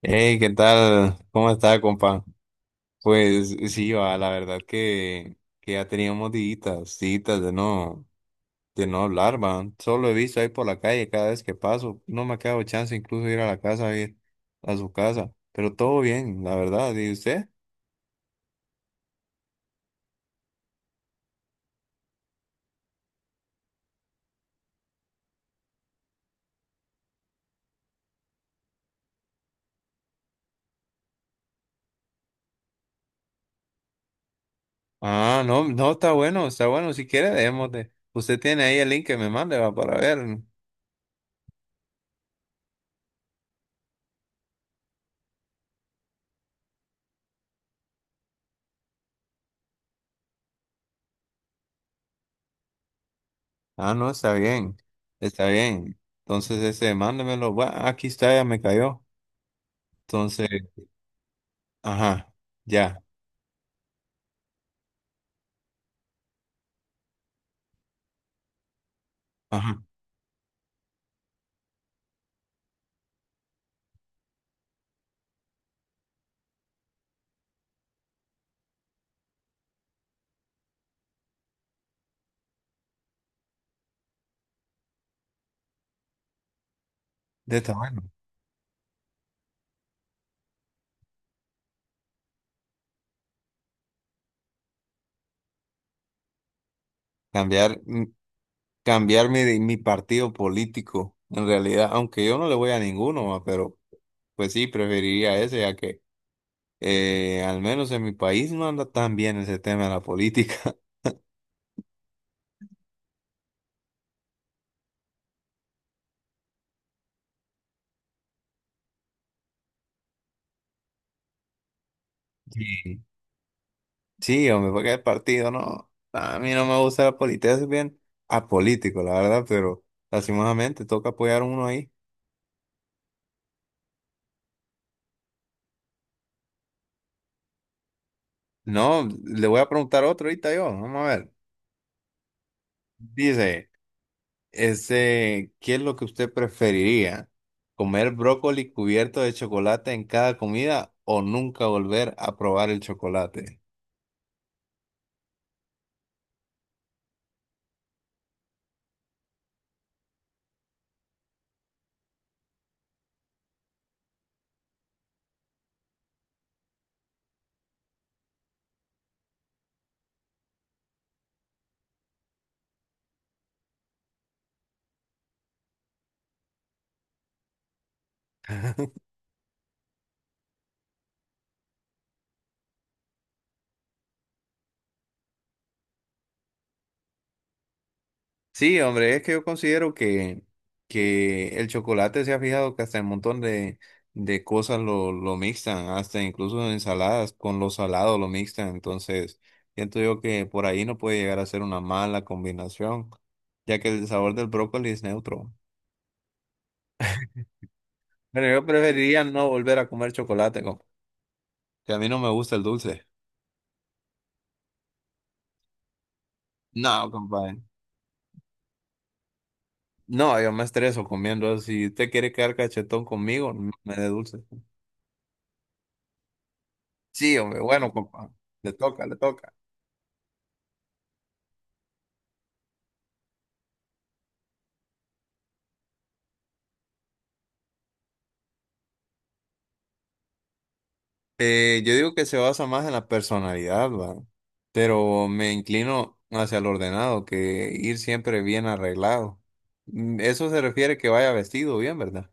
Hey, ¿qué tal? ¿Cómo está, compa? Pues sí, va, la verdad que ya teníamos días de no hablar, va. Solo he visto ahí por la calle cada vez que paso. No me ha quedado chance incluso de ir a la casa, a ir a su casa. Pero todo bien, la verdad. ¿Y usted? Ah, no, no, está bueno, está bueno. Si quiere, démosle. Usted tiene ahí el link que me mande, va, para ver. Ah, no, está bien, está bien. Entonces, ese, mándemelo. Bueno, aquí está, ya me cayó. Entonces, ajá, ya. Ajá. De tamaño. Cambiar, mm, cambiar mi partido político, en realidad, aunque yo no le voy a ninguno, va, pero pues sí, preferiría ese, ya que al menos en mi país no anda tan bien ese tema de la política. Sí, sí, hombre, porque el partido no, a mí no me gusta la política, es bien apolítico, la verdad, pero lastimosamente toca apoyar uno ahí. No, le voy a preguntar otro ahorita yo, vamos a ver. Dice. Ese, ¿qué es lo que usted preferiría? ¿Comer brócoli cubierto de chocolate en cada comida o nunca volver a probar el chocolate? Sí, hombre, es que yo considero que el chocolate se ha fijado que hasta un montón de cosas lo mixtan, hasta incluso en ensaladas con lo salado lo mixtan, entonces siento yo que por ahí no puede llegar a ser una mala combinación, ya que el sabor del brócoli es neutro. Pero yo preferiría no volver a comer chocolate, compa. Que a mí no me gusta el dulce. No, compadre. No, yo me estreso comiendo eso. Si usted quiere quedar cachetón conmigo, no me dé dulce. Sí, hombre, bueno, compadre. Le toca, le toca. Yo digo que se basa más en la personalidad, ¿va? Pero me inclino hacia el ordenado, que ir siempre bien arreglado. Eso se refiere que vaya vestido bien, ¿verdad?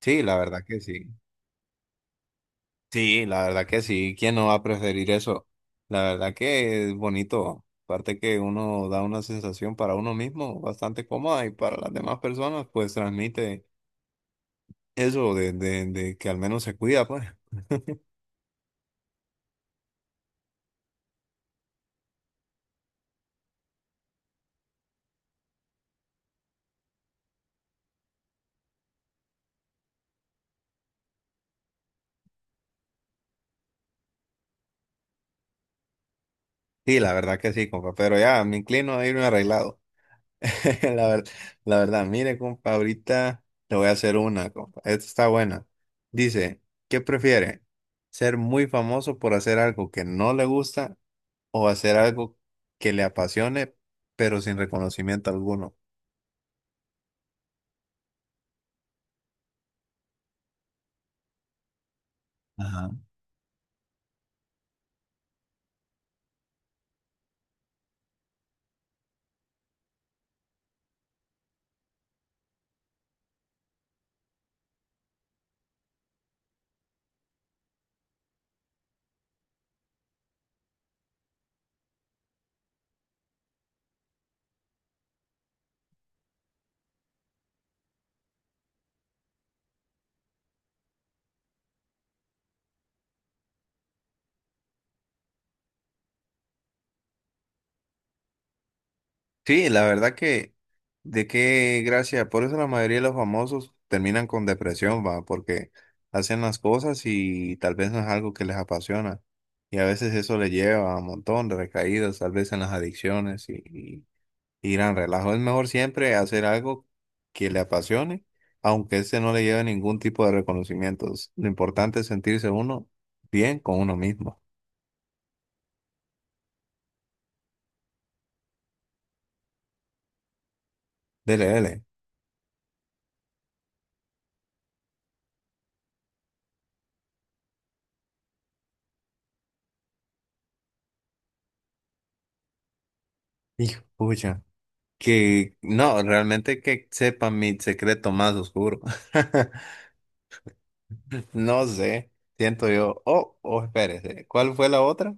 Sí, la verdad que sí. Sí, la verdad que sí, ¿quién no va a preferir eso? La verdad que es bonito, aparte que uno da una sensación para uno mismo bastante cómoda y para las demás personas pues transmite eso de que al menos se cuida pues. Sí, la verdad que sí, compa, pero ya me inclino a irme arreglado. La ver- la verdad, mire, compa, ahorita le voy a hacer una, compa, esta está buena. Dice, ¿qué prefiere? ¿Ser muy famoso por hacer algo que no le gusta o hacer algo que le apasione, pero sin reconocimiento alguno? Ajá. Sí, la verdad que, de qué gracia, por eso la mayoría de los famosos terminan con depresión, va, porque hacen las cosas y tal vez no es algo que les apasiona. Y a veces eso les lleva a un montón de recaídas, tal vez en las adicciones y gran relajo. Es mejor siempre hacer algo que le apasione, aunque ese no le lleve ningún tipo de reconocimientos. Lo importante es sentirse uno bien con uno mismo. Dele, dele. Hijo, pucha. Que no, realmente que sepa mi secreto más oscuro. No sé, siento yo. Oh, oh, espérese. ¿Cuál fue la otra?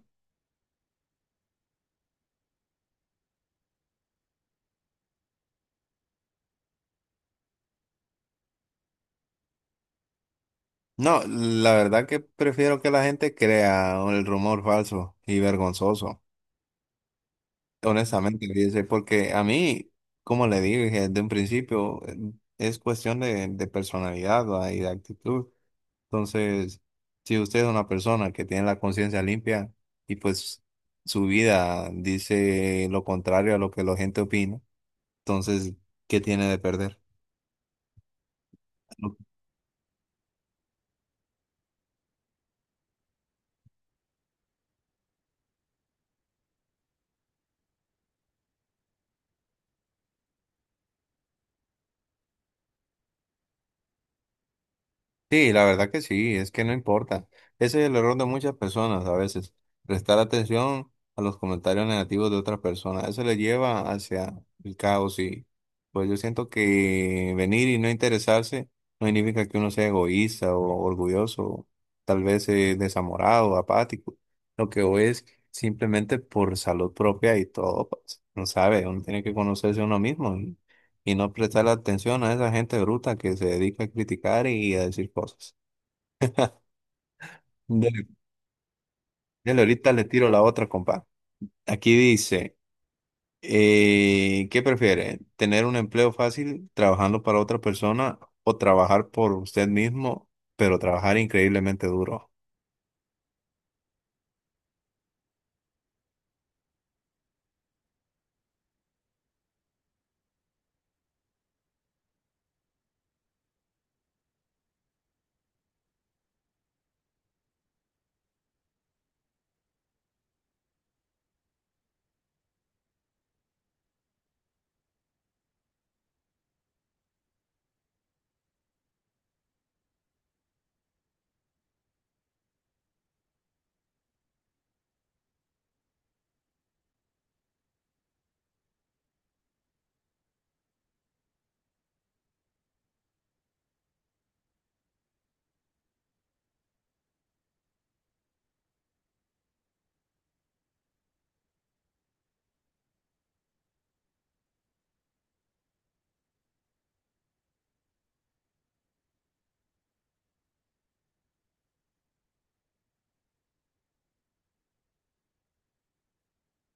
No, la verdad que prefiero que la gente crea el rumor falso y vergonzoso. Honestamente, dice, porque a mí, como le dije desde un principio, es cuestión de personalidad, ¿va? Y de actitud. Entonces, si usted es una persona que tiene la conciencia limpia y pues su vida dice lo contrario a lo que la gente opina, entonces, ¿qué tiene de perder? Sí, la verdad que sí, es que no importa. Ese es el error de muchas personas a veces, prestar atención a los comentarios negativos de otras personas. Eso le lleva hacia el caos y pues yo siento que venir y no interesarse no significa que uno sea egoísta o orgulloso, o tal vez desamorado, apático. Lo que o es simplemente por salud propia y todo, pues, no sabe, uno tiene que conocerse a uno mismo y no prestar atención a esa gente bruta que se dedica a criticar y a decir cosas. Dele, dele, ahorita le tiro la otra, compa. Aquí dice, ¿qué prefiere? ¿Tener un empleo fácil trabajando para otra persona o trabajar por usted mismo, pero trabajar increíblemente duro?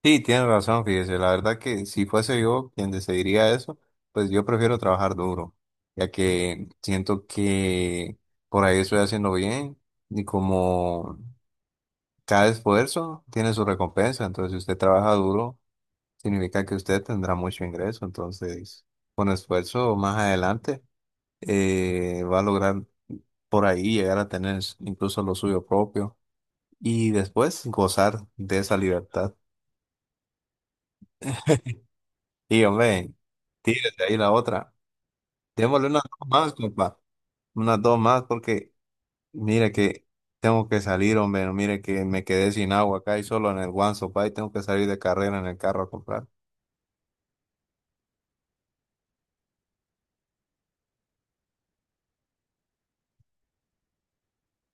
Sí, tiene razón, fíjese. La verdad que si fuese yo quien decidiría eso, pues yo prefiero trabajar duro, ya que siento que por ahí estoy haciendo bien y como cada esfuerzo tiene su recompensa, entonces si usted trabaja duro, significa que usted tendrá mucho ingreso, entonces con esfuerzo más adelante va a lograr por ahí llegar a tener incluso lo suyo propio y después gozar de esa libertad. Y hombre, tírese ahí la otra. Démosle unas dos más, compa. Unas dos más porque mire que tengo que salir, hombre. No, mire que me quedé sin agua acá y solo en el One Sopa y tengo que salir de carrera en el carro a comprar.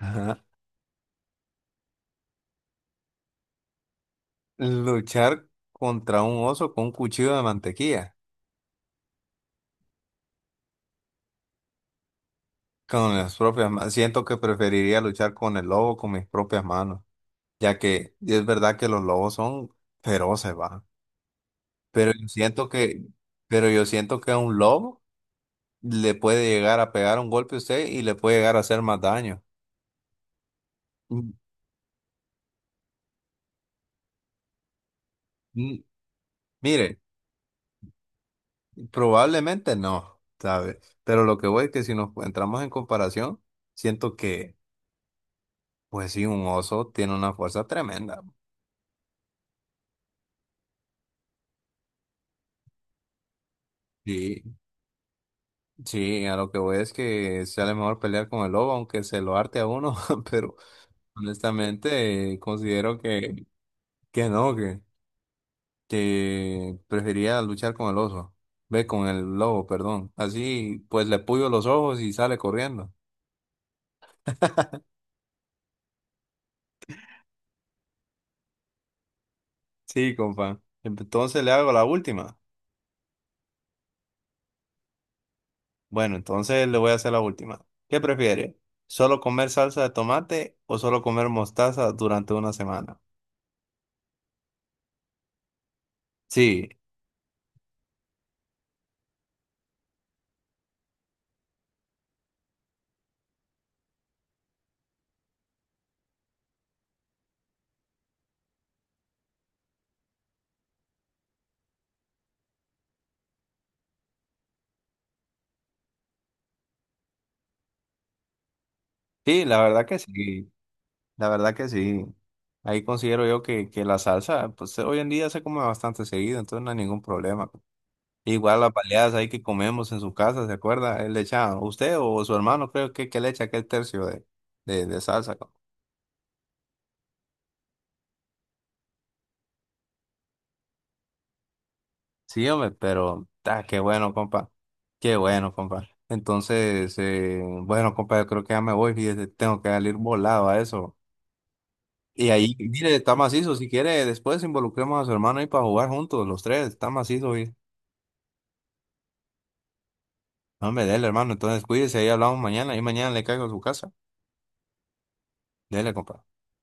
Luchar contra un oso con un cuchillo de mantequilla, con las propias manos. Siento que preferiría luchar con el lobo con mis propias manos, ya que es verdad que los lobos son feroces, va. Pero yo siento que, pero yo siento que a un lobo le puede llegar a pegar un golpe a usted y le puede llegar a hacer más daño. Mm, mm, Mire, probablemente no, ¿sabe? Pero lo que voy es que si nos entramos en comparación, siento que, pues sí, un oso tiene una fuerza tremenda. Sí, sí, a lo que voy es que sale mejor pelear con el lobo, aunque se lo arte a uno, pero honestamente considero que no, que prefería luchar con el oso, ve, con el lobo, perdón. Así pues le puyo los ojos y sale corriendo. Sí, compa. Entonces le hago la última. Bueno, entonces le voy a hacer la última. ¿Qué prefiere? ¿Solo comer salsa de tomate o solo comer mostaza durante una semana? Sí, sí, la verdad que sí. La verdad que sí. Ahí considero yo que la salsa, pues hoy en día se come bastante seguido, entonces no hay ningún problema. Igual las baleadas ahí que comemos en su casa, ¿se acuerda? Él le echaba, usted o su hermano creo que le echa aquel tercio de salsa. Sí, hombre, pero ah, qué bueno, compa. Qué bueno, compa. Entonces, bueno, compa, yo creo que ya me voy, fíjese, tengo que salir volado a eso. Y ahí, mire, está macizo, si quiere, después involucremos a su hermano ahí para jugar juntos, los tres, está macizo. No, hombre, dele, hermano. Entonces cuídese, ahí hablamos mañana. Ahí mañana le caigo a su casa. Dele, compa.